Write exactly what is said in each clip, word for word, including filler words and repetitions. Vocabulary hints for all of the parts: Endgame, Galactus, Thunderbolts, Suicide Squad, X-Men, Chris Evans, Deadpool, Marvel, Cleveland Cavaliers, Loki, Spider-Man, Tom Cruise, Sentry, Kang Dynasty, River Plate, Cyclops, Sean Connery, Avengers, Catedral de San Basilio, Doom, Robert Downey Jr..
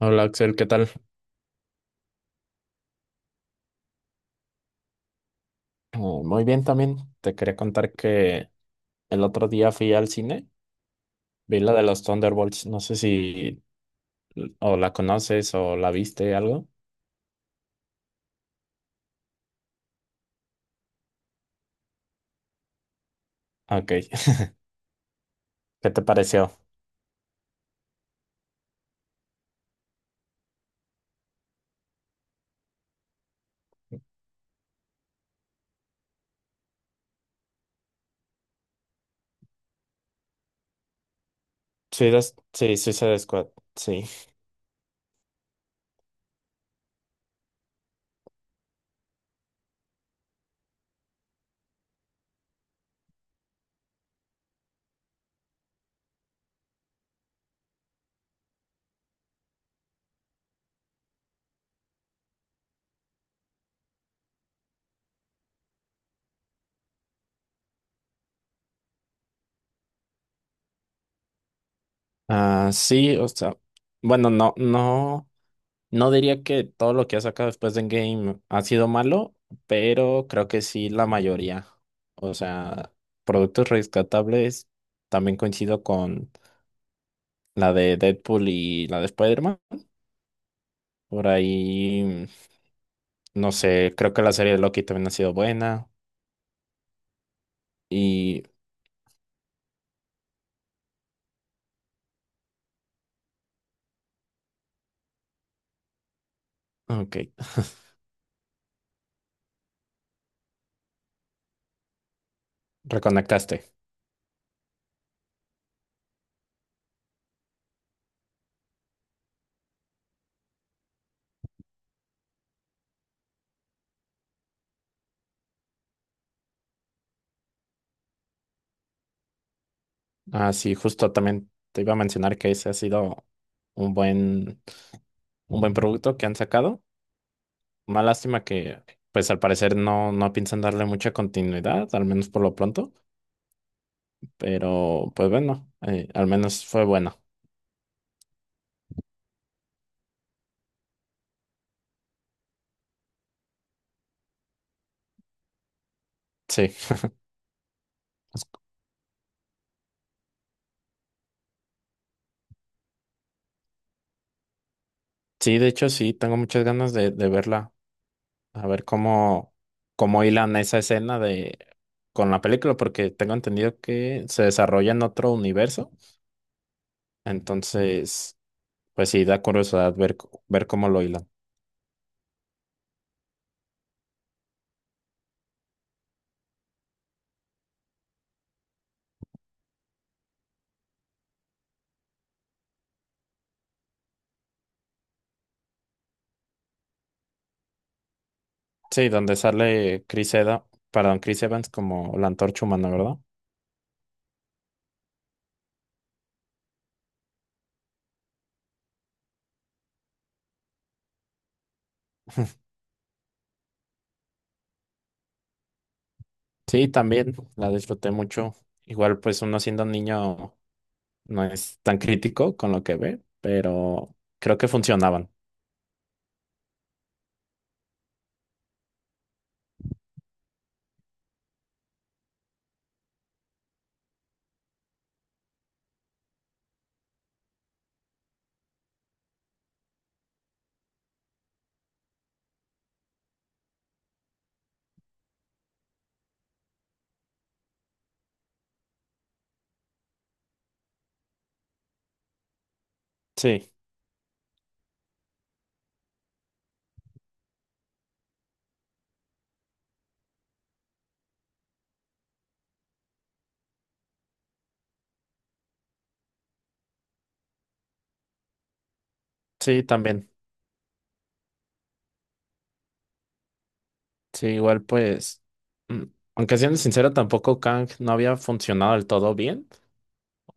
Hola Axel, ¿qué tal? Eh, muy bien también. Te quería contar que el otro día fui al cine, vi la de los Thunderbolts, no sé si l- o la conoces o la viste algo. Ok, ¿qué te pareció? Sí, des- sí, sí, Suicide Squad, sí. Ah, sí, o sea, bueno, no, no, no diría que todo lo que ha sacado después de Endgame ha sido malo, pero creo que sí la mayoría. O sea, productos rescatables, también coincido con la de Deadpool y la de Spider-Man. Por ahí, no sé, creo que la serie de Loki también ha sido buena. Y, ok, reconectaste. Ah, sí, justo también te iba a mencionar que ese ha sido un buen, un buen producto que han sacado. Una lástima que, pues al parecer no, no piensan darle mucha continuidad, al menos por lo pronto. Pero, pues bueno, eh, al menos fue bueno. Sí, sí, de hecho sí, tengo muchas ganas de, de verla. A ver cómo, cómo hilan esa escena de con la película, porque tengo entendido que se desarrolla en otro universo. Entonces, pues sí, da curiosidad ver, c- ver cómo lo hilan. Sí, donde sale Chris Eda, perdón, Chris Evans como la antorcha humana, ¿verdad? Sí, también la disfruté mucho. Igual, pues uno siendo un niño no es tan crítico con lo que ve, pero creo que funcionaban. Sí, sí, también. Sí, igual pues, mm, aunque siendo sincero, tampoco Kang no había funcionado del todo bien.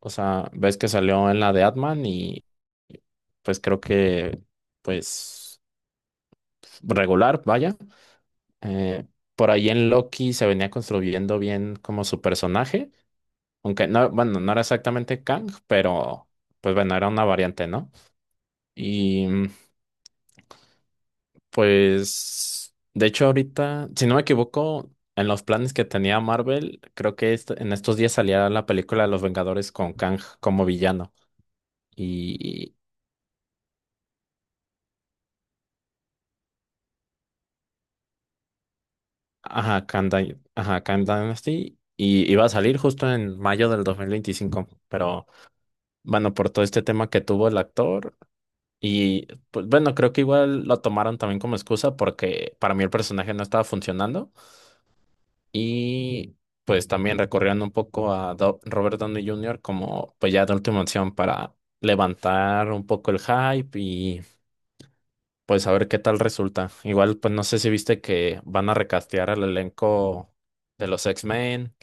O sea, ves que salió en la de Atman y pues creo que pues regular, vaya. Eh, por ahí en Loki se venía construyendo bien como su personaje, aunque no, bueno, no era exactamente Kang, pero pues bueno, era una variante, ¿no? Y mm, Pues, de hecho, ahorita, si no me equivoco, en los planes que tenía Marvel, creo que est- en estos días salía la película de Los Vengadores con Kang como villano. Y, ajá, Kang, Dy- ajá, Kang Dynasty. Y iba a salir justo en mayo del dos mil veinticinco. Pero, bueno, por todo este tema que tuvo el actor. Y, pues, bueno, creo que igual lo tomaron también como excusa porque para mí el personaje no estaba funcionando. Y pues también recorrieron un poco a Do- Robert Downey junior como pues ya de última opción para levantar un poco el hype y pues a ver qué tal resulta. Igual pues no sé si viste que van a recastear al elenco de los X-Men.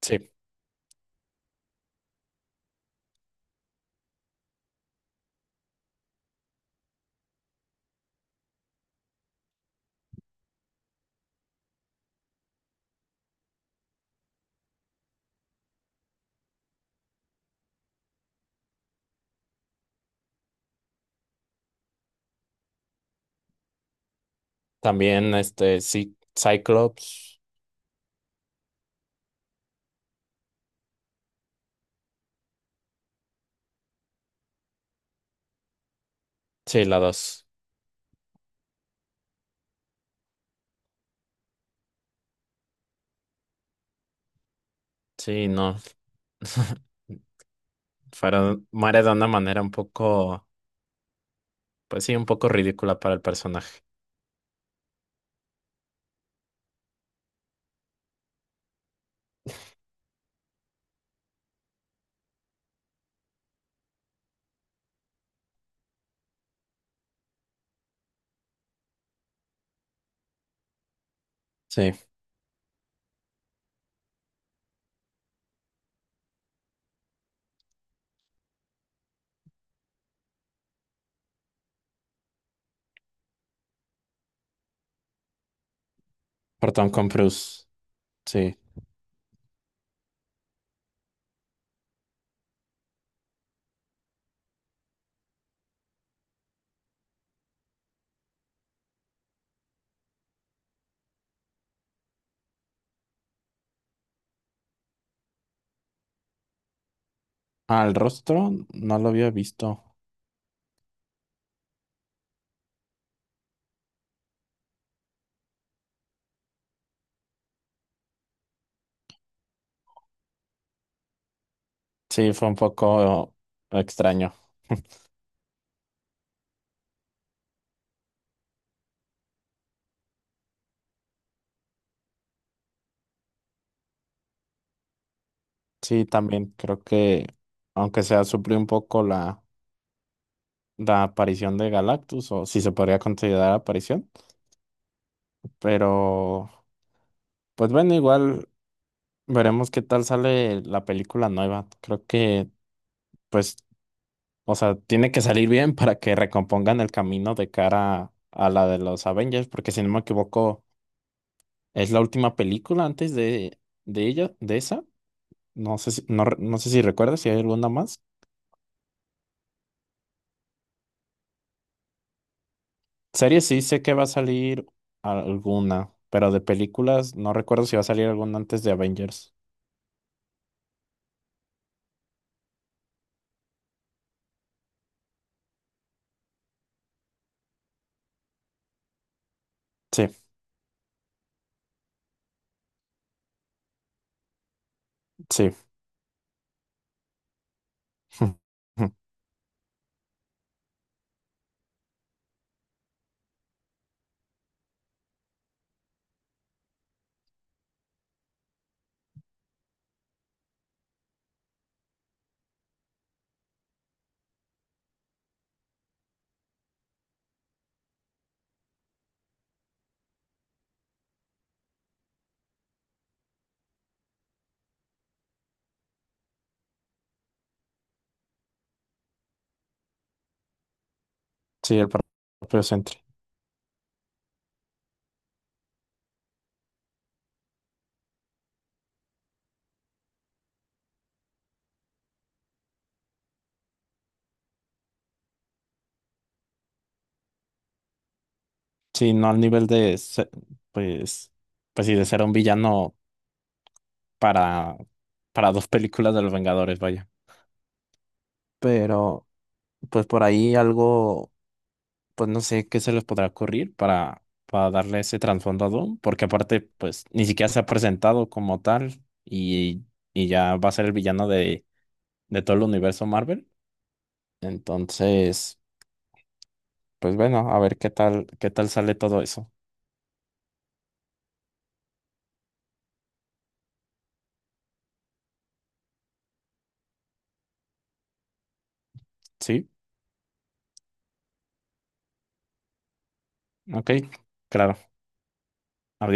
Sí, también este sí, Cyclops. Sí, la dos. Sí, no. Fueron, muere de una manera un poco, pues sí, un poco ridícula para el personaje. Sí, por Tom Cruise. Sí. Al rostro no lo había visto. Sí, fue un poco extraño. Sí, también creo que, aunque sea, suplió un poco la, la aparición de Galactus, o si se podría considerar aparición. Pero, pues bueno, igual veremos qué tal sale la película nueva. Creo que, pues, o sea, tiene que salir bien para que recompongan el camino de cara a la de los Avengers, porque si no me equivoco, es la última película antes de, de ella, de esa. No sé si, no, re- no sé si recuerdas si hay alguna más. Series sí sé que va a salir alguna, pero de películas no recuerdo si va a salir alguna antes de Avengers. Sí, sí. Sí, el propio Sentry. Sí, no al nivel de, se- pues, pues sí, de ser un villano para, para dos películas de los Vengadores, vaya. Pero, pues por ahí algo. Pues no sé qué se les podrá ocurrir para, para darle ese trasfondo a Doom, porque aparte, pues ni siquiera se ha presentado como tal y, y ya va a ser el villano de, de todo el universo Marvel. Entonces, pues bueno, a ver qué tal, qué tal sale todo eso. Sí, ok, claro. Adiós.